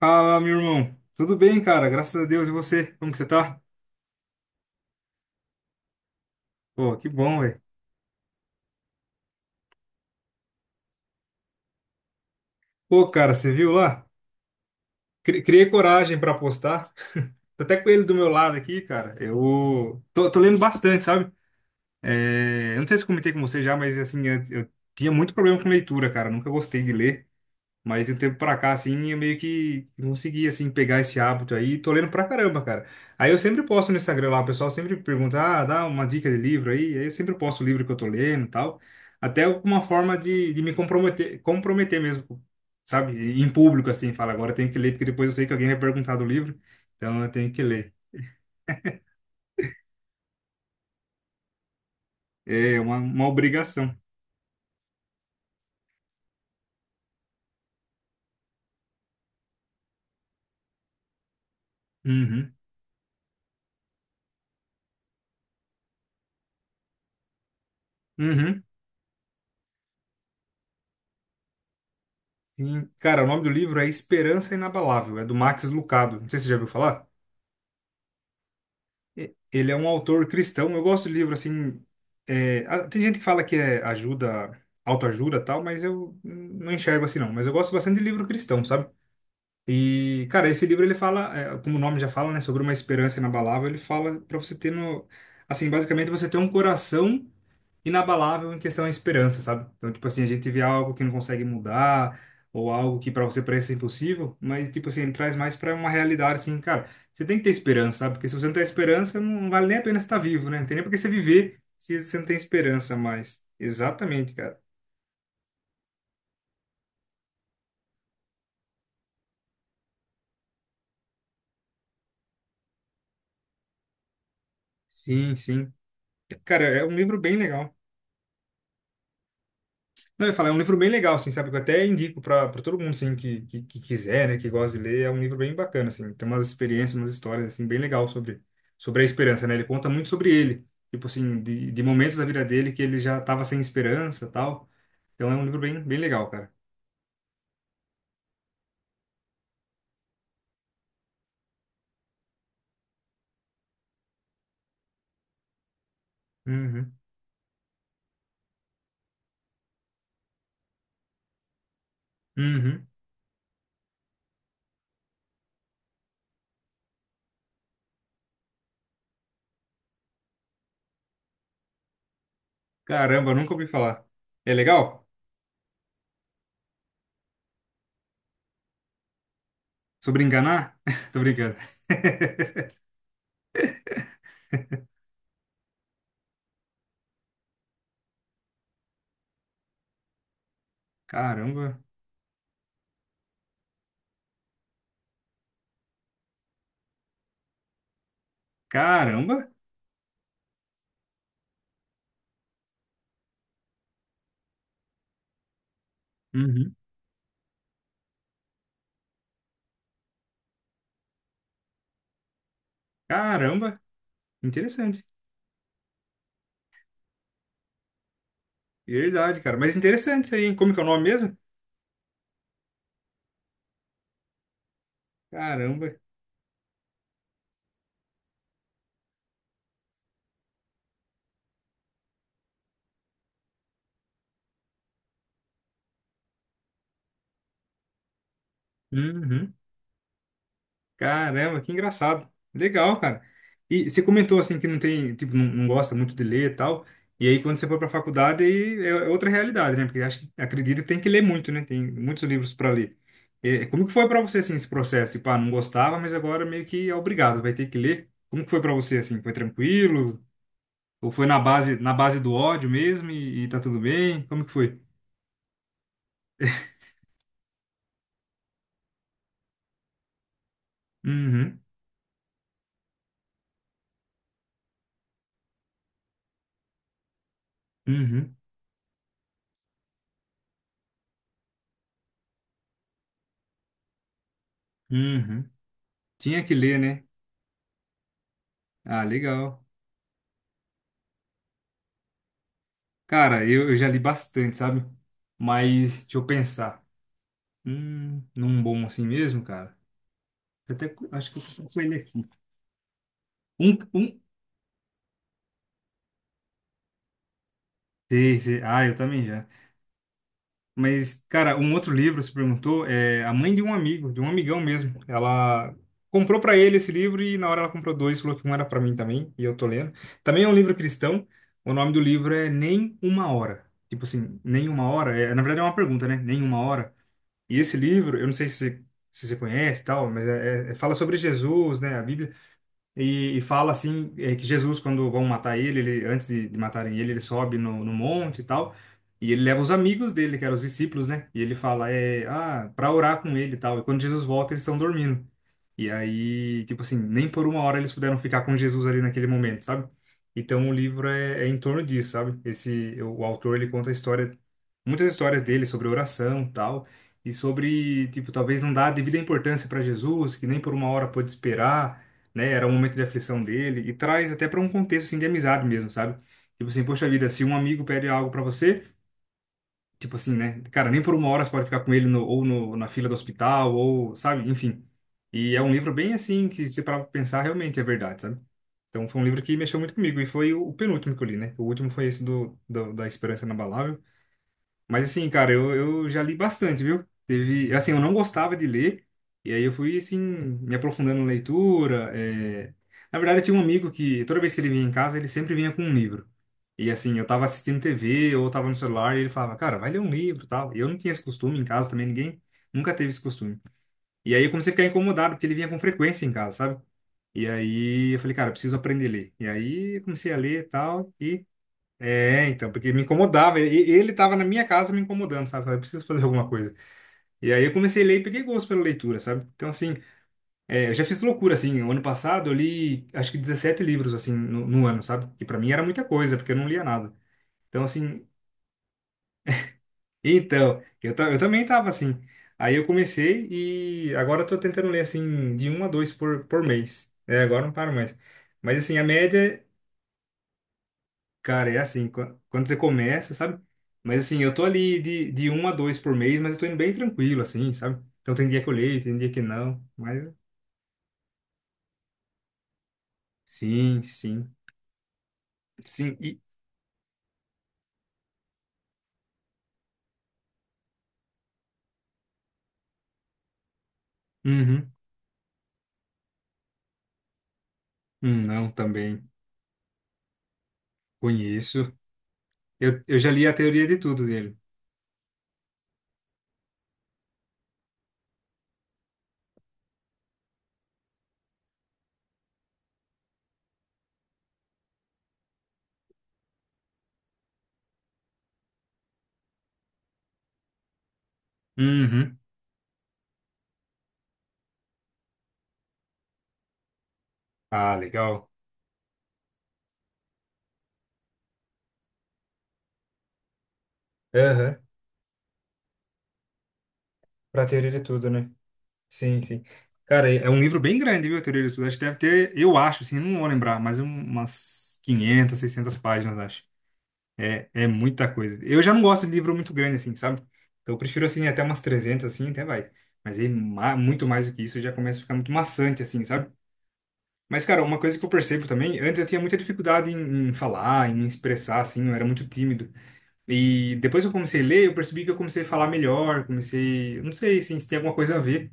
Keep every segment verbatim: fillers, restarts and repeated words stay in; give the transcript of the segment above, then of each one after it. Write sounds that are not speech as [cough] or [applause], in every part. Fala, meu irmão. Tudo bem, cara? Graças a Deus. E você? Como que você tá? Pô, que bom, velho. Pô, cara, você viu lá? Cri- Criei coragem pra apostar. Tô até com ele do meu lado aqui, cara. Eu tô, tô lendo bastante, sabe? É, eu não sei se comentei com você já, mas assim, eu, eu tinha muito problema com leitura, cara. Nunca gostei de ler. Mas de um tempo pra cá, assim, eu meio que consegui, assim, pegar esse hábito aí. Tô lendo pra caramba, cara. Aí eu sempre posto no Instagram lá, o pessoal sempre pergunta, ah, dá uma dica de livro aí. Aí eu sempre posto o livro que eu tô lendo e tal. Até uma forma de, de me comprometer, comprometer mesmo, sabe? Em público, assim, fala, agora eu tenho que ler, porque depois eu sei que alguém vai perguntar do livro. Então eu tenho que ler. É uma, uma obrigação. Uhum. Uhum. Sim. Cara, o nome do livro é Esperança Inabalável. É do Max Lucado. Não sei se você já ouviu falar. Ele é um autor cristão. Eu gosto de livro assim. É, a- tem gente que fala que é ajuda, autoajuda e tal, mas eu não enxergo assim não. Mas eu gosto bastante de livro cristão, sabe? E, cara, esse livro ele fala, é, como o nome já fala, né, sobre uma esperança inabalável. Ele fala pra você ter no, assim, basicamente você ter um coração inabalável em questão à esperança, sabe? Então, tipo assim, a gente vê algo que não consegue mudar, ou algo que para você parece impossível, mas, tipo assim, ele traz mais para uma realidade, assim, cara, você tem que ter esperança, sabe? Porque se você não tem esperança, não vale nem a pena estar vivo, né? Não tem nem por que você viver se você não tem esperança mais. Exatamente, cara. Sim, sim. Cara, é um livro bem legal. Não, eu ia falar, é um livro bem legal, assim, sabe? Que eu até indico pra pra todo mundo, assim, que, que, que quiser, né? Que gosta de ler. É um livro bem bacana, assim. Tem umas experiências, umas histórias, assim, bem legal sobre, sobre a esperança, né? Ele conta muito sobre ele. Tipo assim, de, de momentos da vida dele que ele já tava sem esperança tal. Então é um livro bem, bem legal, cara. Uhum. Uhum. Caramba, nunca ouvi falar. É legal? Sobre enganar? [laughs] Tô brincando. [laughs] Caramba. Caramba. Uhum. Caramba. Interessante. Verdade, cara. Mas interessante isso aí, hein? Como que é o nome mesmo? Caramba. Uhum. Caramba, que engraçado. Legal, cara. E você comentou assim que não tem, tipo, não, não gosta muito de ler e tal. E aí quando você foi para a faculdade aí é é outra realidade, né? Porque acho que acredito que tem que ler muito, né? Tem muitos livros para ler. É, como que foi para você assim esse processo? Tipo, ah, não gostava, mas agora meio que é obrigado, vai ter que ler. Como que foi para você assim? Foi tranquilo? Ou foi na base na base do ódio mesmo e, e tá tudo bem? Como que foi? Uhum. Uhum. Uhum. Tinha que ler, né? Ah, legal. Cara, eu, eu já li bastante, sabe? Mas deixa eu pensar. Hum, num bom assim mesmo, cara. Eu até cu- acho que eu tô com ele aqui. Um, um. Sei, sei. Ah, eu também já. Mas, cara, um outro livro, você perguntou, é a mãe de um amigo, de um amigão mesmo. Ela comprou pra ele esse livro e na hora ela comprou dois, falou que um era pra mim também, e eu tô lendo. Também é um livro cristão. O nome do livro é Nem Uma Hora. Tipo assim, nem uma hora. É, na verdade é uma pergunta, né? Nem uma hora. E esse livro, eu não sei se, se você conhece e tal, mas é, é- fala sobre Jesus, né? A Bíblia e, e fala assim, é, que Jesus, quando vão matar ele, ele antes de, de matarem ele, ele sobe no, no monte e tal, e ele leva os amigos dele, que eram os discípulos, né? E ele fala, é, ah, para orar com ele e tal. E quando Jesus volta, eles estão dormindo. E aí, tipo assim, nem por uma hora eles puderam ficar com Jesus ali naquele momento, sabe? Então o livro é, é em torno disso, sabe? Esse, o, autor, ele conta a história, muitas histórias dele sobre oração e tal, e sobre, tipo, talvez não dar a devida importância para Jesus, que nem por uma hora pôde esperar, né? Era um momento de aflição dele e traz até para um contexto assim de amizade mesmo, sabe? Tipo assim, poxa vida, se um amigo pede algo para você, tipo assim, né? Cara, nem por uma hora você pode ficar com ele no, ou no, na fila do hospital ou, sabe? Enfim. E é um livro bem assim que se para pensar realmente é verdade, sabe? Então foi um livro que mexeu muito comigo e foi o, o penúltimo que eu li, né? O último foi esse do, do da Esperança Inabalável. Mas assim, cara, eu, eu já li bastante, viu? Teve, assim, eu não gostava de ler, e aí eu fui, assim, me aprofundando na leitura. É. Na verdade, eu tinha um amigo que, toda vez que ele vinha em casa, ele sempre vinha com um livro. E assim, eu tava assistindo T V ou tava no celular, e ele falava, cara, vai ler um livro e tal. E eu não tinha esse costume em casa também, ninguém nunca teve esse costume. E aí eu comecei a ficar incomodado, porque ele vinha com frequência em casa, sabe? E aí eu falei, cara, eu preciso aprender a ler. E aí eu comecei a ler e tal, e é, então, porque me incomodava. E- Ele tava na minha casa me incomodando, sabe? Eu falei, preciso fazer alguma coisa. E aí eu comecei a ler e peguei gosto pela leitura, sabe? Então, assim, é, eu já fiz loucura, assim. O ano passado eu li, acho que dezessete livros, assim, no, no ano, sabe? Que pra mim era muita coisa, porque eu não lia nada. Então, assim, então, eu, ta- eu também tava assim. Aí eu comecei e agora eu tô tentando ler, assim, de um a dois por, por mês. É, agora não paro mais. Mas, assim, a média cara, é assim, quan- quando você começa, sabe? Mas assim, eu tô ali de, de um a dois por mês, mas eu tô indo bem tranquilo, assim, sabe? Então tem dia que eu leio, tem dia que não, mas sim, sim, sim, e... Uhum. Hum, Não, também conheço. Eu, eu já li a teoria de tudo dele. Uhum. Ah, legal. Aham, pra teoria de tudo, né? Sim, sim. Cara, é é um livro bem grande, viu, a teoria de tudo. Acho que deve ter, eu acho, assim, não vou lembrar, mas um- umas quinhentas, seiscentas páginas, acho. É muita coisa. Eu já não gosto de livro muito grande, assim, sabe? Então eu prefiro, assim, até umas trezentas assim, até vai. Mas aí, ma- muito mais do que isso, já começa a ficar muito maçante, assim, sabe? Mas, cara, uma coisa que eu percebo também, antes eu tinha muita dificuldade em, em falar, em me expressar, assim, eu era muito tímido. E depois que eu comecei a ler, eu percebi que eu comecei a falar melhor, comecei. Eu não sei, assim, se tem alguma coisa a ver.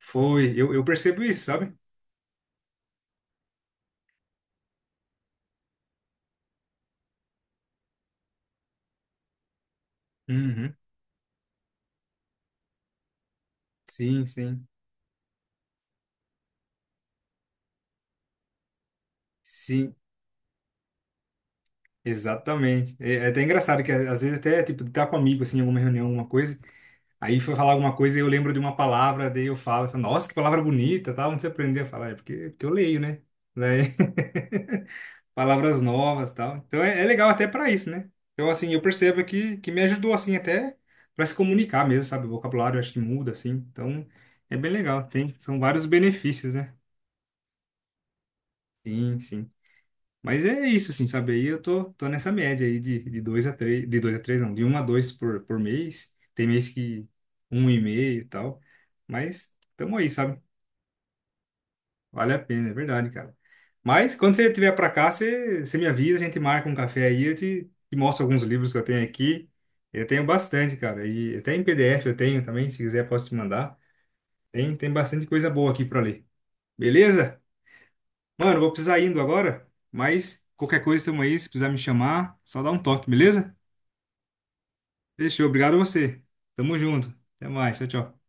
Foi, eu, eu percebo isso, sabe? Uhum. Sim, sim. Sim, exatamente. É, é até engraçado que às vezes até, tipo, tá com um amigo, assim, em alguma reunião, alguma coisa. Aí foi falar alguma coisa e eu lembro de uma palavra, daí eu falo, eu falo, nossa, que palavra bonita, tal, onde você aprendeu a falar? É porque, porque eu leio, né? Daí, [laughs] palavras novas, tal. Então é, é legal até para isso, né? Então assim, eu percebo que que me ajudou assim até para se comunicar mesmo, sabe? O vocabulário eu acho que muda assim. Então é bem legal, tem, são vários benefícios, né? Sim, sim. Mas é isso, assim, sabe? Aí eu tô, tô nessa média aí de, de dois a três, de dois a três não, de um a dois por, por mês. Tem mês que um e meio e tal. Mas tamo aí, sabe? Vale a pena, é verdade, cara. Mas quando você estiver pra cá, você, você me avisa, a gente marca um café aí, eu te, te mostro alguns livros que eu tenho aqui. Eu tenho bastante, cara. E até em P D F eu tenho também, se quiser posso te mandar. Tem, tem bastante coisa boa aqui pra ler. Beleza? Mano, vou precisar indo agora, mas qualquer coisa estamos aí, se precisar me chamar, só dá um toque, beleza? Fechou, obrigado a você. Tamo junto. Até mais, tchau, tchau.